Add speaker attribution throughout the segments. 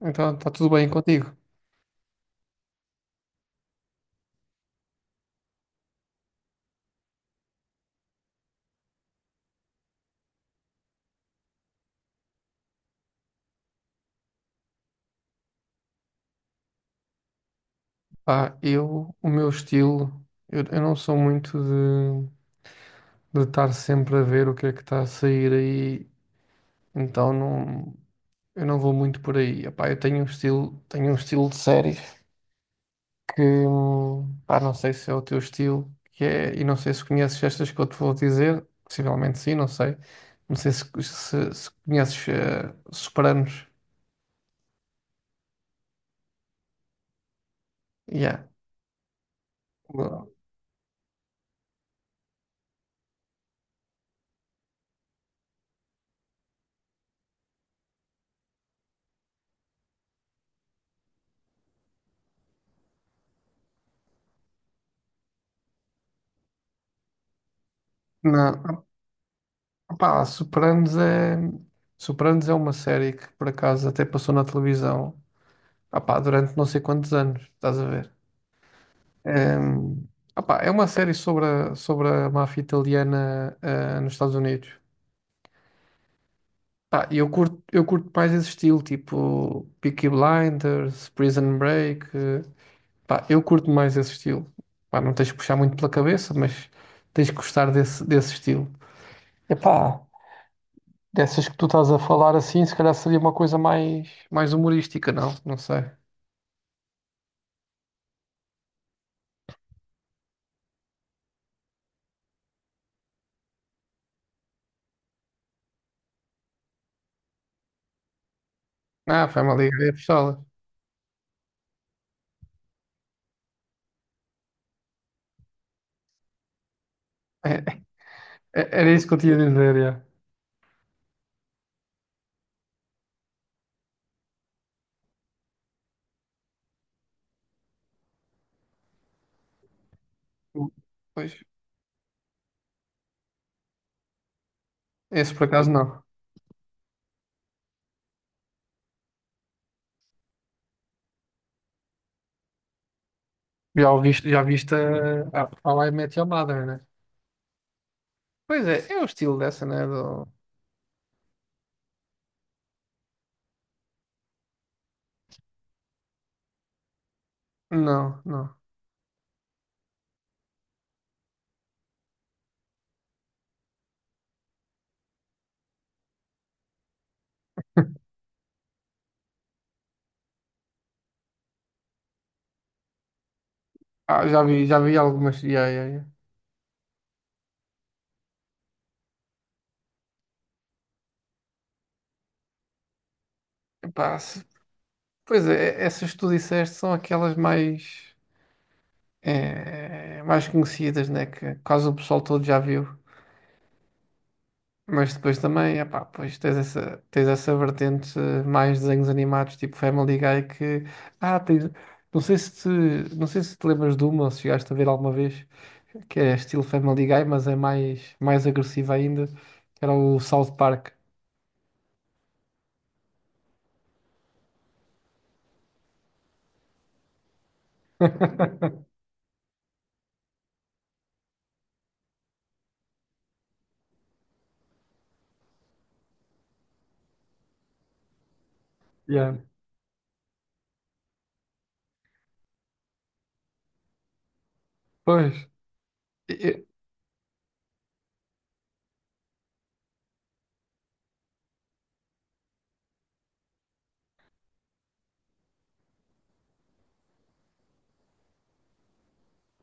Speaker 1: Então, está tudo bem contigo? Pá, eu, o meu estilo, eu não sou muito de estar sempre a ver o que é que está a sair aí, então não, eu não vou muito por aí. Epá, eu tenho um estilo de séries que, pá, não sei se é o teu estilo, que é, e não sei se conheces estas que eu te vou dizer, possivelmente sim, não sei. Não sei se conheces Sopranos. Yeah. Não. Pá, Sopranos é uma série que por acaso até passou na televisão, pá, durante não sei quantos anos, estás a ver? É, pá, é uma série sobre a máfia italiana, nos Estados Unidos. Pá, e eu curto mais esse estilo, tipo Peaky Blinders, Prison Break. Pá, eu curto mais esse estilo. Pá, não tens que puxar muito pela cabeça, mas tens que gostar desse estilo. Epá, dessas que tu estás a falar assim, se calhar seria uma coisa mais humorística, não? Não sei. Ah, Family Guy é pistola. É, era isso que eu tinha a dizer, já. Pois, esse por acaso não. Já ouviste, já viste a I Met Your Mother, né? Pois é o estilo dessa, né? Do. Não, não. Ah, já vi algumas. Yeah, yeah, yeah. Epá, pois é, essas que tu disseste são aquelas mais conhecidas, né? Que quase o pessoal todo já viu. Mas depois também, epá, pois tens essa vertente mais desenhos animados, tipo Family Guy, que... Ah, tens. Não sei se te, não sei se te lembras de uma, ou se chegaste a ver alguma vez, que é estilo Family Guy, mas é mais agressiva ainda, que era o South Park. Yeah. Pois. E- e-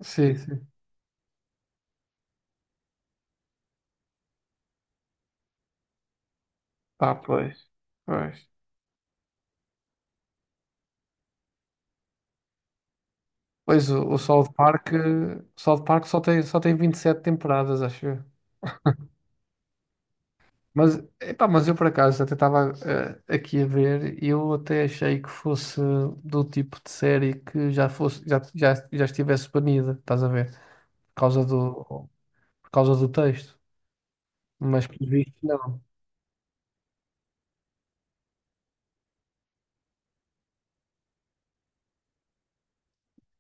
Speaker 1: Sim, sim. Pá, pois. Pois. Pois o South Park, o South Park só tem 27 temporadas, acho eu. Mas, epá, eu por acaso até estava aqui a ver e eu até achei que fosse do tipo de série que já fosse, já estivesse banida, estás a ver? Causa do, por causa do texto. Mas por visto não.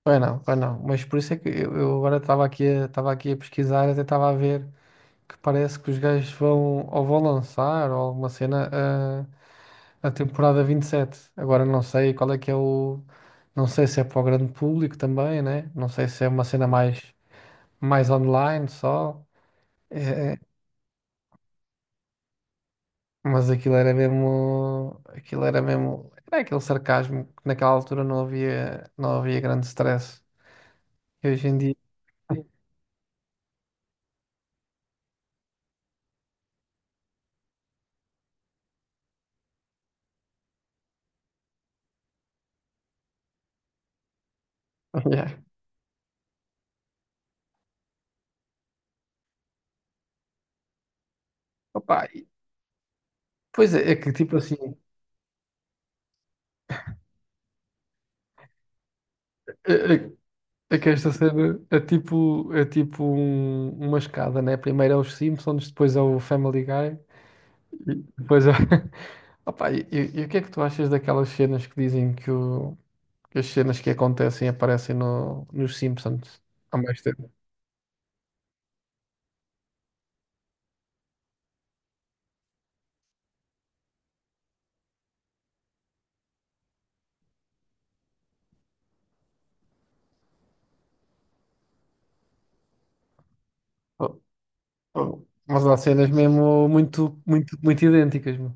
Speaker 1: Pois não, pois não. Mas por isso é que eu agora estava aqui a pesquisar, até estava a ver. Que parece que os gajos vão ou vão lançar ou alguma cena a temporada 27. Agora não sei qual é que é o. Não sei se é para o grande público também, né? Não sei se é uma cena mais online só. É, é, mas aquilo era mesmo. Aquilo era mesmo. Era aquele sarcasmo que naquela altura não havia grande stress. E hoje em dia. Yeah. Opa, pois é que tipo assim. eh, eh, É que esta cena é tipo uma escada, né? Primeiro é os Simpsons, depois é o Family Guy, e depois é. Opa, e o que é que tu achas daquelas cenas que dizem que as cenas que acontecem aparecem no, nos Simpsons há mais tempo? Oh, oh, mas há cenas mesmo muito, muito, muito idênticas, meu.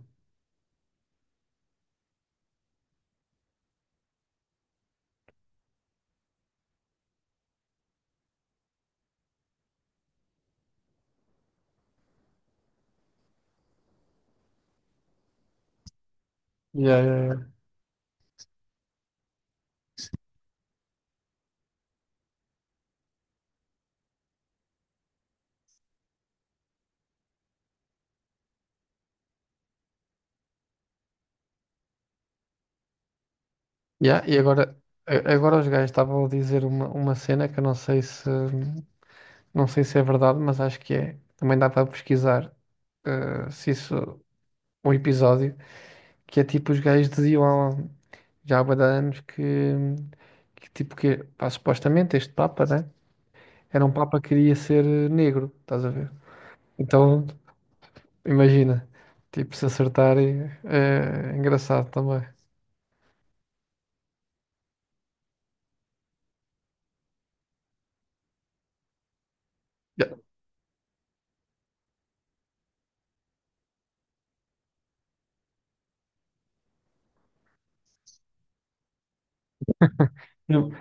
Speaker 1: Yeah, yeah, yeah. Yeah, e agora os gajos estavam a dizer uma cena que eu não sei se. Não sei se é verdade, mas acho que é. Também dá para pesquisar se isso, um episódio, que é tipo os gajos diziam já há bué de anos que, tipo que pá, supostamente este Papa, né? Era um Papa que queria ser negro, estás a ver? Então imagina, tipo, se acertarem é engraçado também. Yeah. Eu-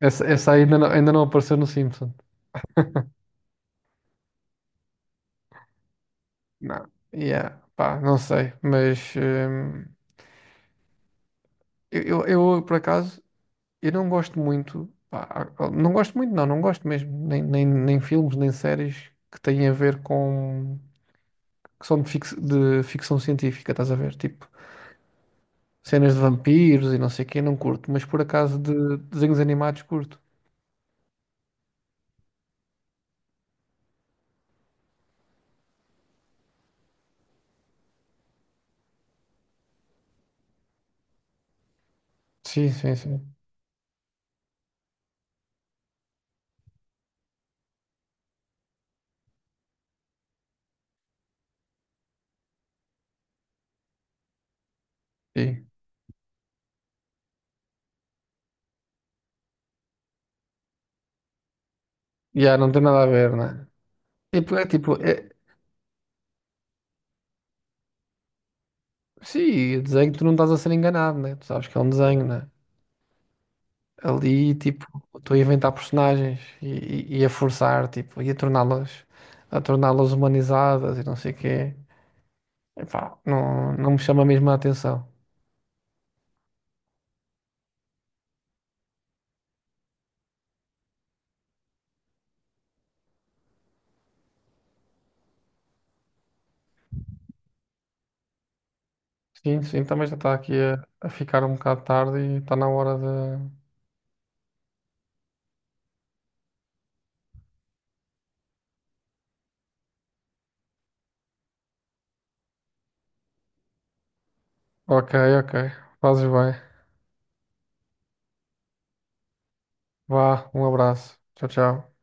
Speaker 1: essa aí ainda não, apareceu no Simpson. Não. Yeah, pá, não sei, mas eu, por acaso. Eu não gosto muito, pá, não gosto muito, não, não gosto mesmo, nem filmes, nem séries que têm a ver com, que são de ficção científica, estás a ver? Tipo, cenas de vampiros e não sei o quê, não curto, mas por acaso de desenhos animados curto. Sim, sim, sim. Sim. Já não tem nada a ver, né? Tipo, é tipo, sim, desenho tu não estás a ser enganado, né? Tu sabes que é um desenho, né? Ali, tipo, estou a inventar personagens e a forçar, tipo, e a torná-las humanizadas e não sei o quê. Epá, não, não me chama mesmo a atenção. Sim, sim, também já está aqui a ficar um bocado tarde e está na hora de. Ok, ok, fazes bem. Vá, um abraço. Tchau, tchau.